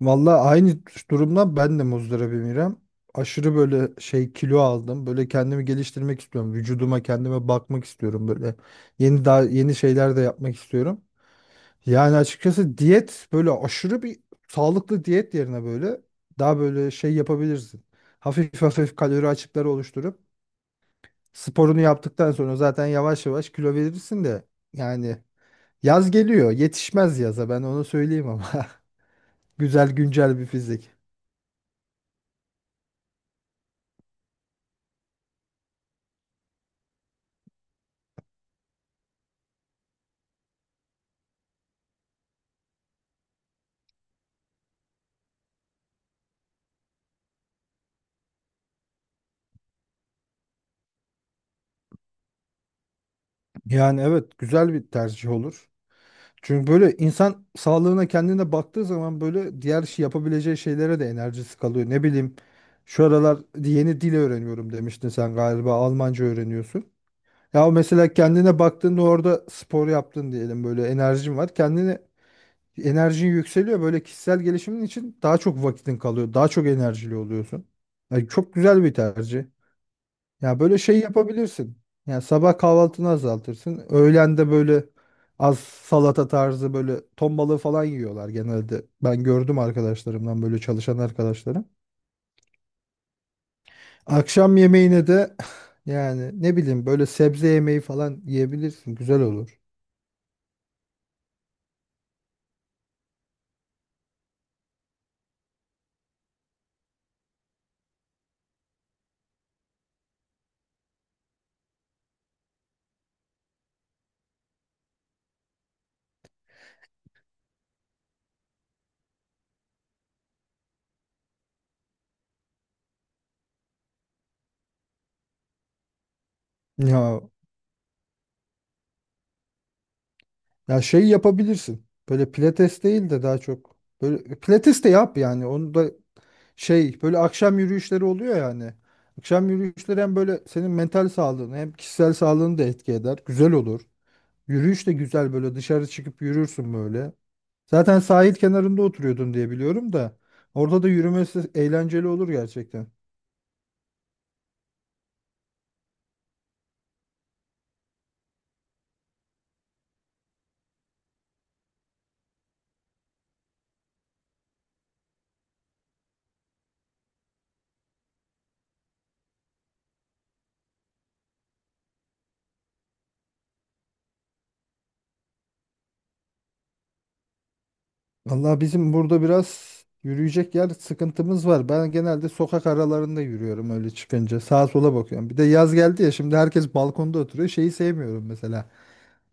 Valla aynı durumdan ben de muzdaribim İrem. Aşırı böyle kilo aldım. Böyle kendimi geliştirmek istiyorum. Vücuduma kendime bakmak istiyorum böyle. Daha yeni şeyler de yapmak istiyorum. Yani açıkçası diyet böyle aşırı bir sağlıklı diyet yerine böyle daha böyle yapabilirsin. Hafif hafif kalori açıkları oluşturup sporunu yaptıktan sonra zaten yavaş yavaş kilo verirsin de yani yaz geliyor. Yetişmez yaza ben onu söyleyeyim ama. Güzel güncel bir fizik. Yani evet güzel bir tercih olur. Çünkü böyle insan sağlığına kendine baktığı zaman böyle diğer şey yapabileceği şeylere de enerjisi kalıyor. Ne bileyim şu aralar yeni dil öğreniyorum demiştin sen galiba, Almanca öğreniyorsun. Ya mesela kendine baktığında orada spor yaptın diyelim, böyle enerjin var. Kendine enerjin yükseliyor, böyle kişisel gelişimin için daha çok vakitin kalıyor. Daha çok enerjili oluyorsun. Yani çok güzel bir tercih. Ya böyle yapabilirsin. Yani sabah kahvaltını azaltırsın. Öğlen de böyle az salata tarzı, böyle ton balığı falan yiyorlar genelde. Ben gördüm arkadaşlarımdan, böyle çalışan arkadaşlarım. Akşam yemeğine de yani ne bileyim böyle sebze yemeği falan yiyebilirsin. Güzel olur. Ya ya şey yapabilirsin. Böyle pilates değil de daha çok böyle pilates de yap, yani onu da. Böyle akşam yürüyüşleri oluyor yani. Akşam yürüyüşleri hem böyle senin mental sağlığını hem kişisel sağlığını da etki eder. Güzel olur. Yürüyüş de güzel, böyle dışarı çıkıp yürürsün böyle. Zaten sahil kenarında oturuyordun diye biliyorum da. Orada da yürümesi eğlenceli olur gerçekten. Vallahi bizim burada biraz yürüyecek yer sıkıntımız var. Ben genelde sokak aralarında yürüyorum öyle çıkınca. Sağa sola bakıyorum. Bir de yaz geldi ya, şimdi herkes balkonda oturuyor. Şeyi sevmiyorum mesela.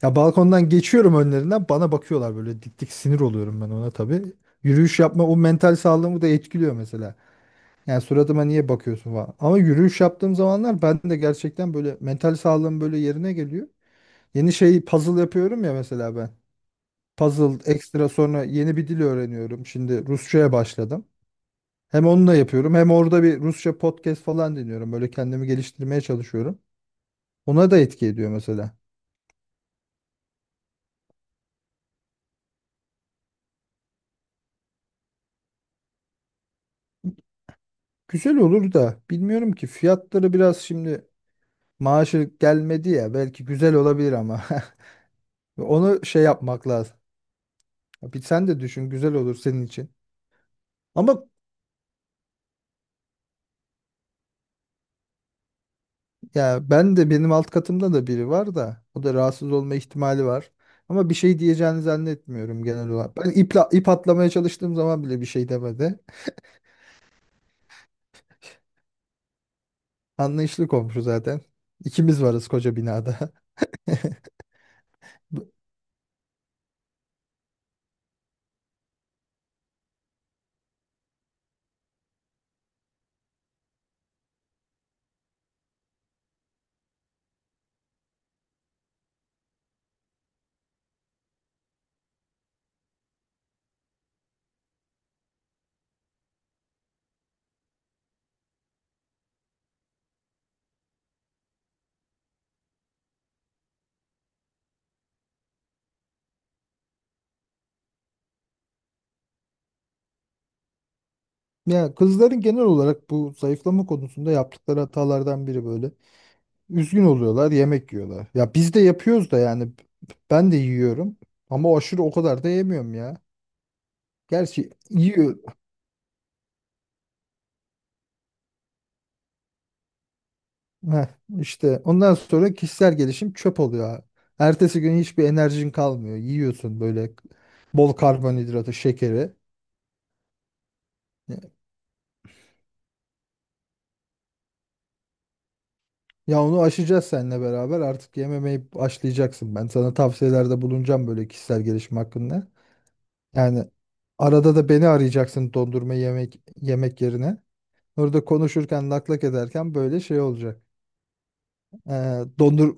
Ya balkondan geçiyorum önlerinden, bana bakıyorlar böyle dik dik, sinir oluyorum ben ona tabii. Yürüyüş yapma o mental sağlığımı da etkiliyor mesela. Yani suratıma niye bakıyorsun falan. Ama yürüyüş yaptığım zamanlar ben de gerçekten böyle mental sağlığım böyle yerine geliyor. Yeni şey puzzle yapıyorum ya mesela ben. Puzzle ekstra, sonra yeni bir dil öğreniyorum. Şimdi Rusça'ya başladım. Hem onunla yapıyorum hem orada bir Rusça podcast falan dinliyorum. Böyle kendimi geliştirmeye çalışıyorum. Ona da etki ediyor mesela. Güzel olur da bilmiyorum ki fiyatları biraz şimdi. Maaşı gelmedi ya, belki güzel olabilir ama onu şey yapmak lazım. Bir sen de düşün, güzel olur senin için. Ama ya ben de benim alt katımda da biri var da, o da rahatsız olma ihtimali var. Ama bir şey diyeceğini zannetmiyorum genel olarak. Ben ip atlamaya çalıştığım zaman bile bir şey demedi. Anlayışlı komşu zaten. İkimiz varız koca binada. Bu- Ya kızların genel olarak bu zayıflama konusunda yaptıkları hatalardan biri böyle. Üzgün oluyorlar, yemek yiyorlar. Ya biz de yapıyoruz da yani, ben de yiyorum ama aşırı o kadar da yemiyorum ya. Gerçi yiyor. Heh, işte ondan sonra kişisel gelişim çöp oluyor, ha. Ertesi gün hiçbir enerjin kalmıyor. Yiyorsun böyle bol karbonhidratı, şekeri. Ya onu aşacağız seninle beraber. Artık yememeyi aşlayacaksın. Ben sana tavsiyelerde bulunacağım böyle kişisel gelişim hakkında. Yani arada da beni arayacaksın dondurma yemek yerine. Orada konuşurken laklak ederken böyle şey olacak. Ee, dondur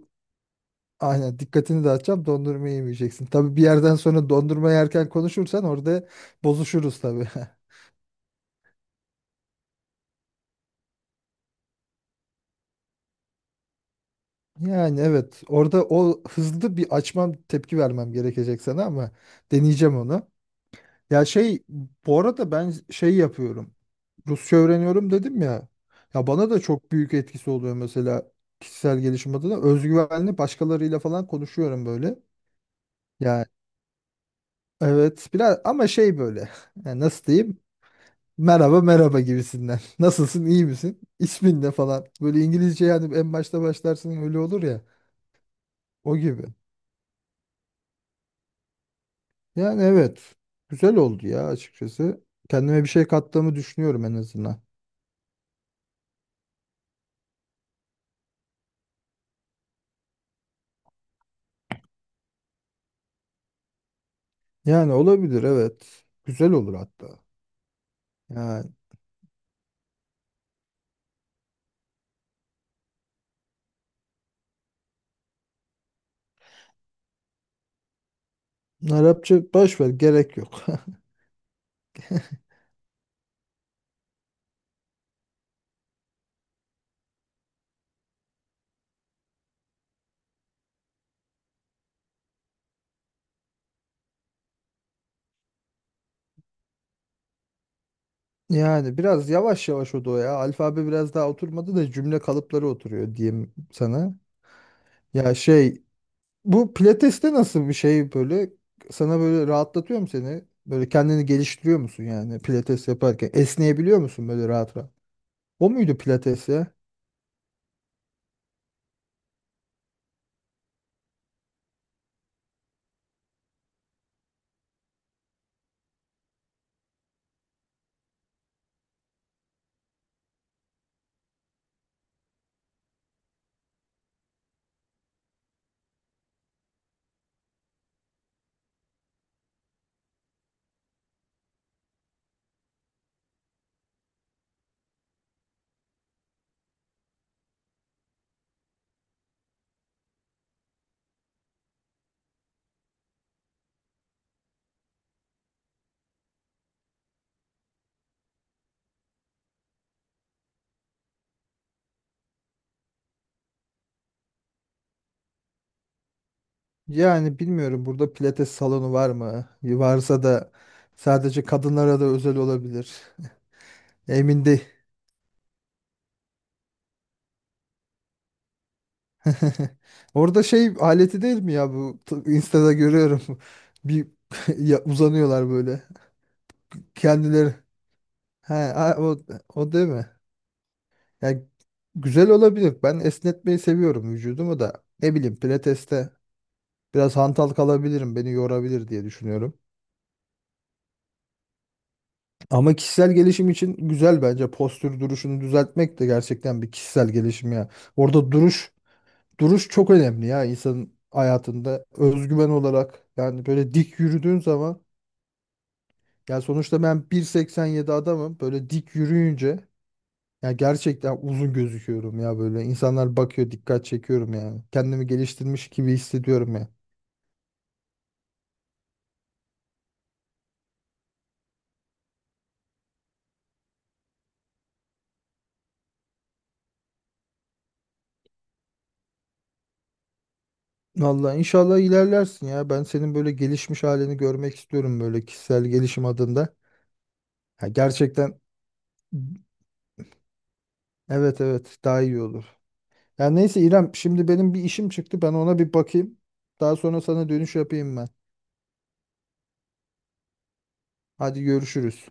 aynen dikkatini dağıtacağım, dondurma yemeyeceksin. Tabii bir yerden sonra dondurma yerken konuşursan orada bozuşuruz tabii. Yani evet, orada o hızlı bir açmam, tepki vermem gerekecek sana, ama deneyeceğim onu. Ya bu arada ben şey yapıyorum. Rusça öğreniyorum dedim ya. Ya bana da çok büyük etkisi oluyor mesela kişisel gelişim adına. Özgüvenli başkalarıyla falan konuşuyorum böyle. Yani evet, biraz ama şey böyle, yani nasıl diyeyim, merhaba gibisinden nasılsın, iyi misin, ismin ne falan, böyle İngilizce yani en başta başlarsın öyle olur ya, o gibi. Yani evet, güzel oldu ya açıkçası, kendime bir şey kattığımı düşünüyorum en azından. Yani olabilir evet, güzel olur hatta yani. Arapça boş ver, gerek yok. Yani biraz yavaş yavaş, o da o ya, alfabe biraz daha oturmadı da cümle kalıpları oturuyor diyeyim sana. Ya şey, bu pilateste nasıl bir şey böyle, sana böyle rahatlatıyor mu seni? Böyle kendini geliştiriyor musun yani pilates yaparken? Esneyebiliyor musun böyle rahat rahat? O muydu pilates ya? Yani bilmiyorum burada pilates salonu var mı? Varsa da sadece kadınlara da özel olabilir. Emin değil. Orada şey aleti değil mi ya bu, Insta'da görüyorum. Bir uzanıyorlar böyle. Kendileri. O, o değil mi? Yani güzel olabilir. Ben esnetmeyi seviyorum vücudumu da. Ne bileyim pilateste biraz hantal kalabilirim. Beni yorabilir diye düşünüyorum. Ama kişisel gelişim için güzel bence. Postür duruşunu düzeltmek de gerçekten bir kişisel gelişim ya. Orada duruş çok önemli ya insanın hayatında. Özgüven olarak yani böyle dik yürüdüğün zaman, yani sonuçta ben 1,87 adamım. Böyle dik yürüyünce ya gerçekten uzun gözüküyorum ya böyle. İnsanlar bakıyor, dikkat çekiyorum yani. Kendimi geliştirmiş gibi hissediyorum ya. Vallahi inşallah ilerlersin ya. Ben senin böyle gelişmiş halini görmek istiyorum böyle kişisel gelişim adında. Ya gerçekten, evet evet, daha iyi olur. Ya neyse İrem, şimdi benim bir işim çıktı. Ben ona bir bakayım. Daha sonra sana dönüş yapayım ben. Hadi görüşürüz.